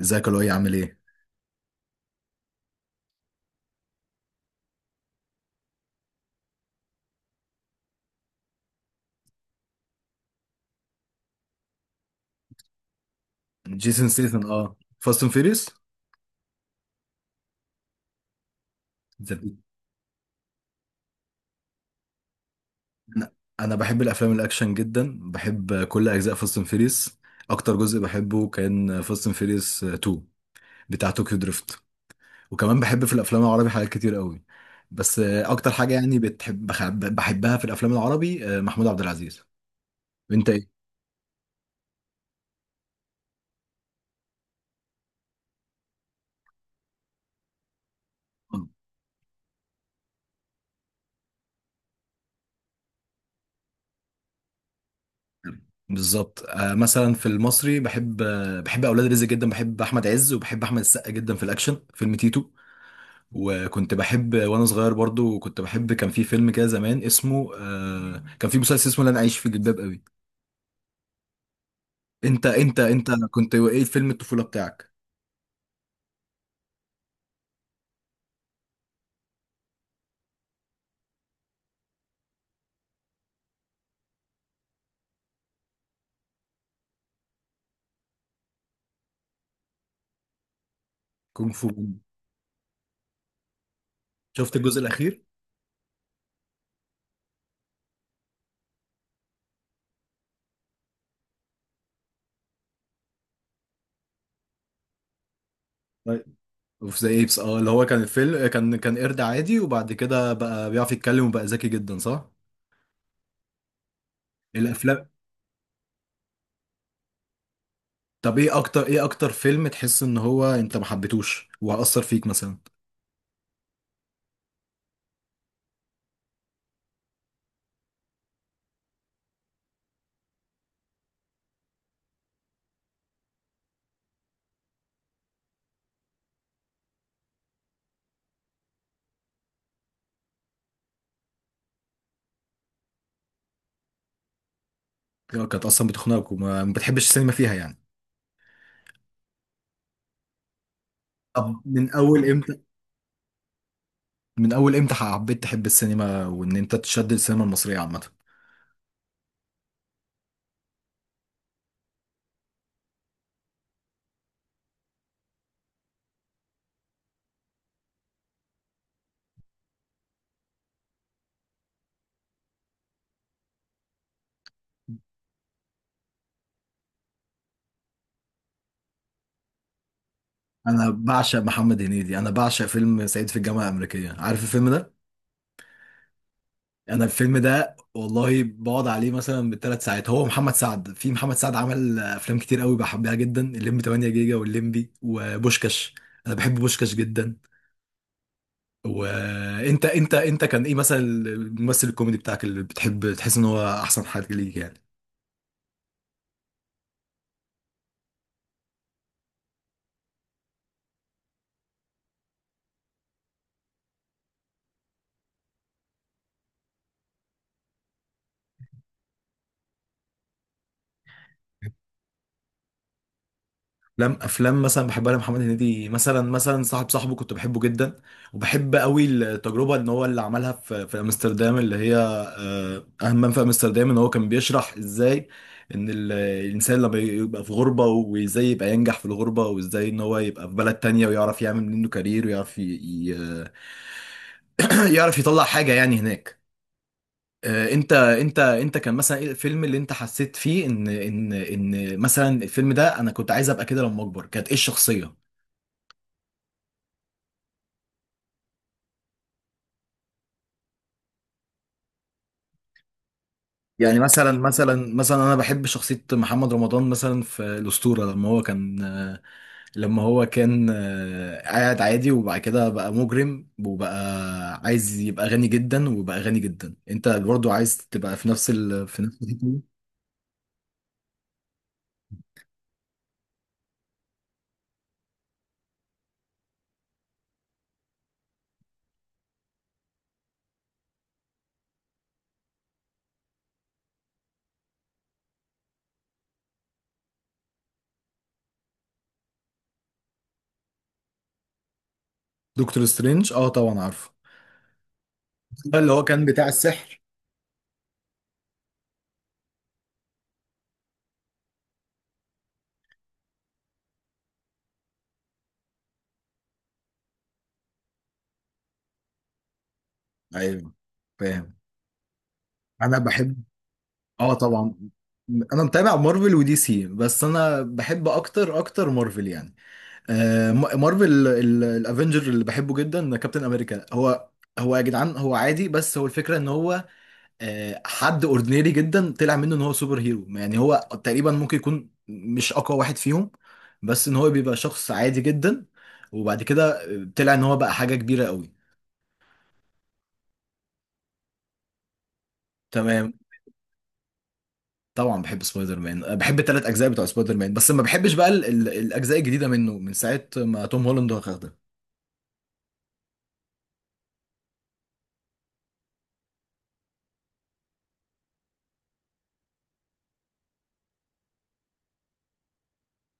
ازيك يا لؤي؟ عامل ايه؟ جيسون ستيثم، اه، فاست اند فيريوس. انا أنا بحب الافلام الاكشن جدا، بحب كل اجزاء فاست اند فيريوس. اكتر جزء بحبه كان فاست اند فيريوس 2، بتاع طوكيو دريفت. وكمان بحب في الافلام العربي حاجات كتير قوي، بس اكتر حاجه يعني بتحب بحبها في الافلام العربي، محمود عبد العزيز. وانت ايه؟ آه، بالظبط. آه، مثلا في المصري بحب، بحب اولاد رزق جدا، بحب احمد عز وبحب احمد السقا جدا في الاكشن، فيلم تيتو. وكنت بحب وانا صغير، برضو كنت بحب، كان في فيلم كده زمان اسمه كان في مسلسل اسمه لن اعيش في جلباب قوي. انت كنت ايه فيلم الطفوله بتاعك؟ كونغ فو باندا. شفت الجزء الاخير؟ طيب. اوف ذا ايبس، اه، اللي هو كان الفيلم، كان قرد عادي وبعد كده بقى بيعرف يتكلم وبقى ذكي جدا، صح؟ الافلام، طب ايه اكتر، ايه اكتر فيلم تحس ان هو انت ما حبيتوش وهأثر فيك مثلا؟ كانت اصلا بتخنقك وما ما بتحبش السينما فيها يعني؟ طب من اول امتى، من اول امتى حبيت تحب السينما وان انت تشد السينما المصريه عامه؟ انا بعشق محمد هنيدي، انا بعشق فيلم صعيدي في الجامعه الامريكيه. عارف الفيلم ده؟ انا الفيلم ده والله بقعد عليه مثلا بالثلاث ساعات. هو محمد سعد، في محمد سعد، عمل افلام كتير قوي بحبها جدا، الليمبي 8 جيجا والليمبي وبوشكاش. انا بحب بوشكاش جدا. وانت انت انت كان ايه مثلا الممثل الكوميدي بتاعك اللي بتحب تحس ان هو احسن حاجه ليك يعني؟ افلام، افلام مثلا بحبها لمحمد هنيدي مثلا، مثلا صاحب صاحبه، كنت بحبه جدا. وبحب قوي التجربه ان هو اللي عملها في امستردام، اللي هي آه، اهم من في امستردام ان هو كان بيشرح ازاي ان الانسان لما يبقى في غربه وازاي يبقى ينجح في الغربه وازاي ان هو يبقى في بلد تانية ويعرف يعمل منه كارير ويعرف يعرف يطلع حاجه يعني هناك. آه، انت كان مثلا ايه الفيلم اللي انت حسيت فيه ان مثلا الفيلم ده انا كنت عايز ابقى كده لما اكبر، كانت ايه الشخصيه؟ يعني مثلا، مثلا، انا بحب شخصيه محمد رمضان مثلا في الاسطوره، لما هو كان آه، قاعد عادي وبعد كده بقى مجرم وبقى عايز يبقى غني جدا وبقى غني جدا. انت برضو عايز تبقى في في نفس الحتة دي؟ دكتور سترينج، اه طبعا عارفه. ده اللي هو كان بتاع السحر. ايوه، فاهم. انا بحب، اه طبعا، انا متابع مارفل ودي سي، بس انا بحب اكتر، اكتر مارفل يعني. مارفل، الافنجر اللي بحبه جدا كابتن امريكا. هو يا جدعان هو عادي، بس هو الفكره ان هو آه، حد اوردينري جدا طلع منه ان هو سوبر هيرو يعني. هو تقريبا ممكن يكون مش اقوى واحد فيهم، بس ان هو بيبقى شخص عادي جدا وبعد كده طلع ان هو بقى حاجه كبيره قوي. تمام. طبعا بحب سبايدر مان، أه، بحب الثلاث اجزاء بتوع سبايدر مان، بس ما بحبش بقى الاجزاء الجديده منه من ساعه ما توم هولاند واخدها.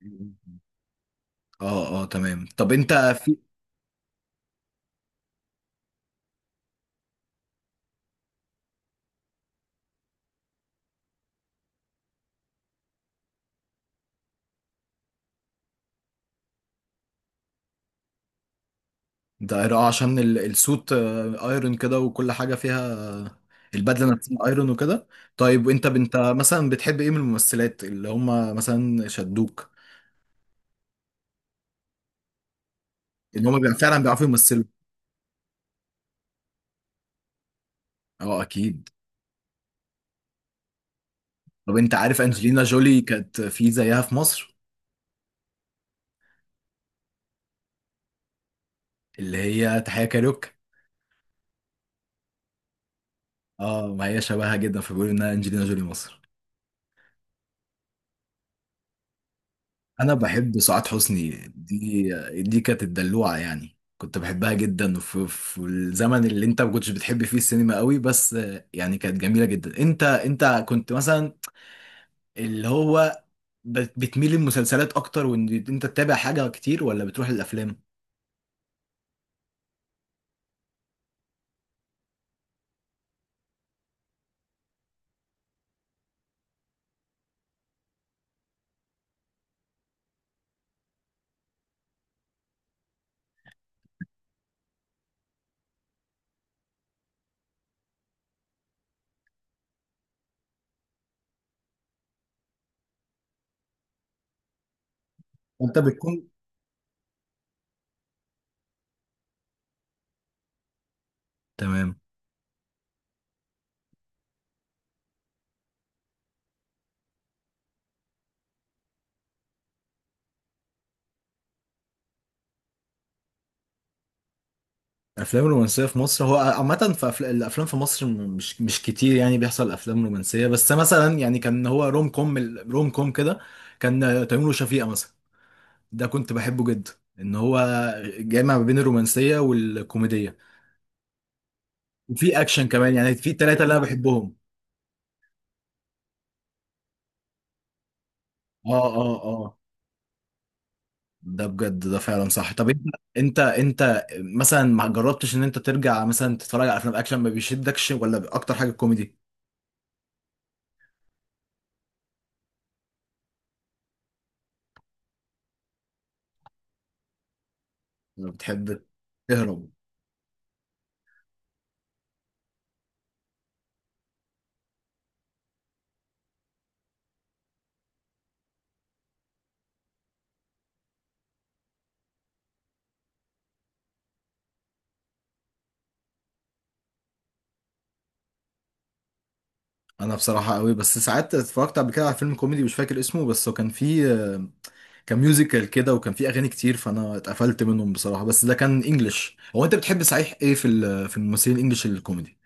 اه اه تمام. طب انت في ده، اه، عشان السوت آه، ايرون كده، وكل حاجه فيها آه، البدله نفسها ايرون وكده. طيب وانت انت مثلا بتحب ايه من الممثلات اللي هم مثلا شدوك؟ ان هم بيبقى فعلا بيعرفوا يمثلوا. اه اكيد. طب انت عارف انجلينا جولي كانت في زيها في مصر؟ اللي هي تحية كاريوك. اه، ما هي شبهها جدا، فبيقولوا انها انجلينا جولي مصر. انا بحب سعاد حسني. دي كانت الدلوعه يعني، كنت بحبها جدا في الزمن اللي انت ما كنتش بتحب فيه السينما قوي، بس يعني كانت جميله جدا. انت كنت مثلا اللي هو بتميل للمسلسلات اكتر وان انت تتابع حاجه كتير ولا بتروح الافلام؟ انت بتكون؟ تمام. الافلام الرومانسيه في مصر هو عامه في الافلام في مصر، مش كتير يعني بيحصل افلام رومانسيه، بس مثلا يعني كان هو روم كوم، روم كوم كده، كان تيمور وشفيقة مثلا. ده كنت بحبه جدا، ان هو جامع ما بين الرومانسيه والكوميديه. وفي اكشن كمان يعني، في ثلاثه اللي انا بحبهم. اه، ده بجد، ده فعلا صح. طب انت، مثلا ما جربتش ان انت ترجع مثلا تتفرج على افلام اكشن؟ ما بيشدكش ولا اكتر حاجه كوميدي؟ ولا بتحب تهرب؟ انا بصراحه قوي، بس ساعات اتفرجت قبل كده على فيلم كوميدي مش فاكر اسمه، بس هو كان فيه آه، كان ميوزيكال كده وكان فيه اغاني كتير، فانا اتقفلت منهم بصراحه، بس ده كان انجلش. هو انت بتحب صحيح ايه في في الممثلين الانجليش الكوميدي؟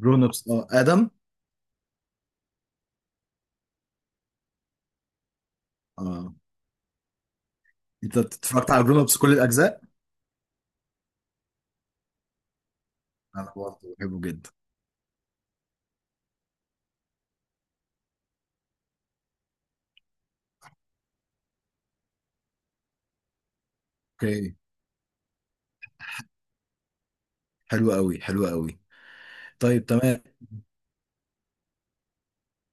جرون ابس، اه، ادم. اه، انت اتفرجت على جرون ابس كل الاجزاء؟ انا برضه بحبه جدا. اوكي، حلو قوي، حلو قوي. طيب تمام.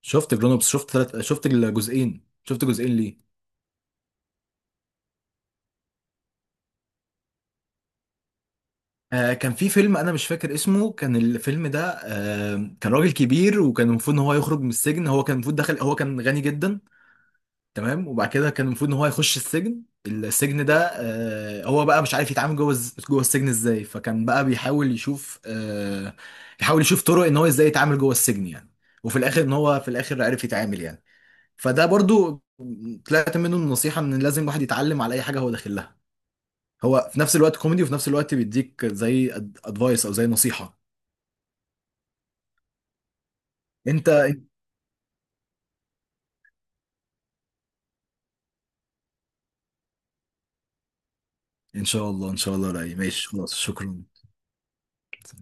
شفت جرون ابس، شفت ثلاث، شفت الجزئين. شفت جزئين ليه؟ آه، كان في فيلم انا مش فاكر اسمه. كان الفيلم ده آه، كان راجل كبير وكان المفروض ان هو يخرج من السجن، هو كان المفروض دخل، هو كان غني جدا. تمام. وبعد كده كان المفروض ان هو يخش السجن. السجن ده آه، هو بقى مش عارف يتعامل جوه جوه السجن ازاي، فكان بقى بيحاول يشوف آه، يحاول يشوف طرق ان هو ازاي يتعامل جوه السجن يعني. وفي الاخر ان هو في الاخر عرف يتعامل يعني. فده برضو طلعت منه النصيحة ان لازم الواحد يتعلم على اي حاجة هو داخل لها. هو في نفس الوقت كوميدي وفي نفس الوقت بيديك زي ادفايس او زي نصيحة. انت ان شاء الله، ان شاء الله. رأي ماشي، خلاص، شكرا.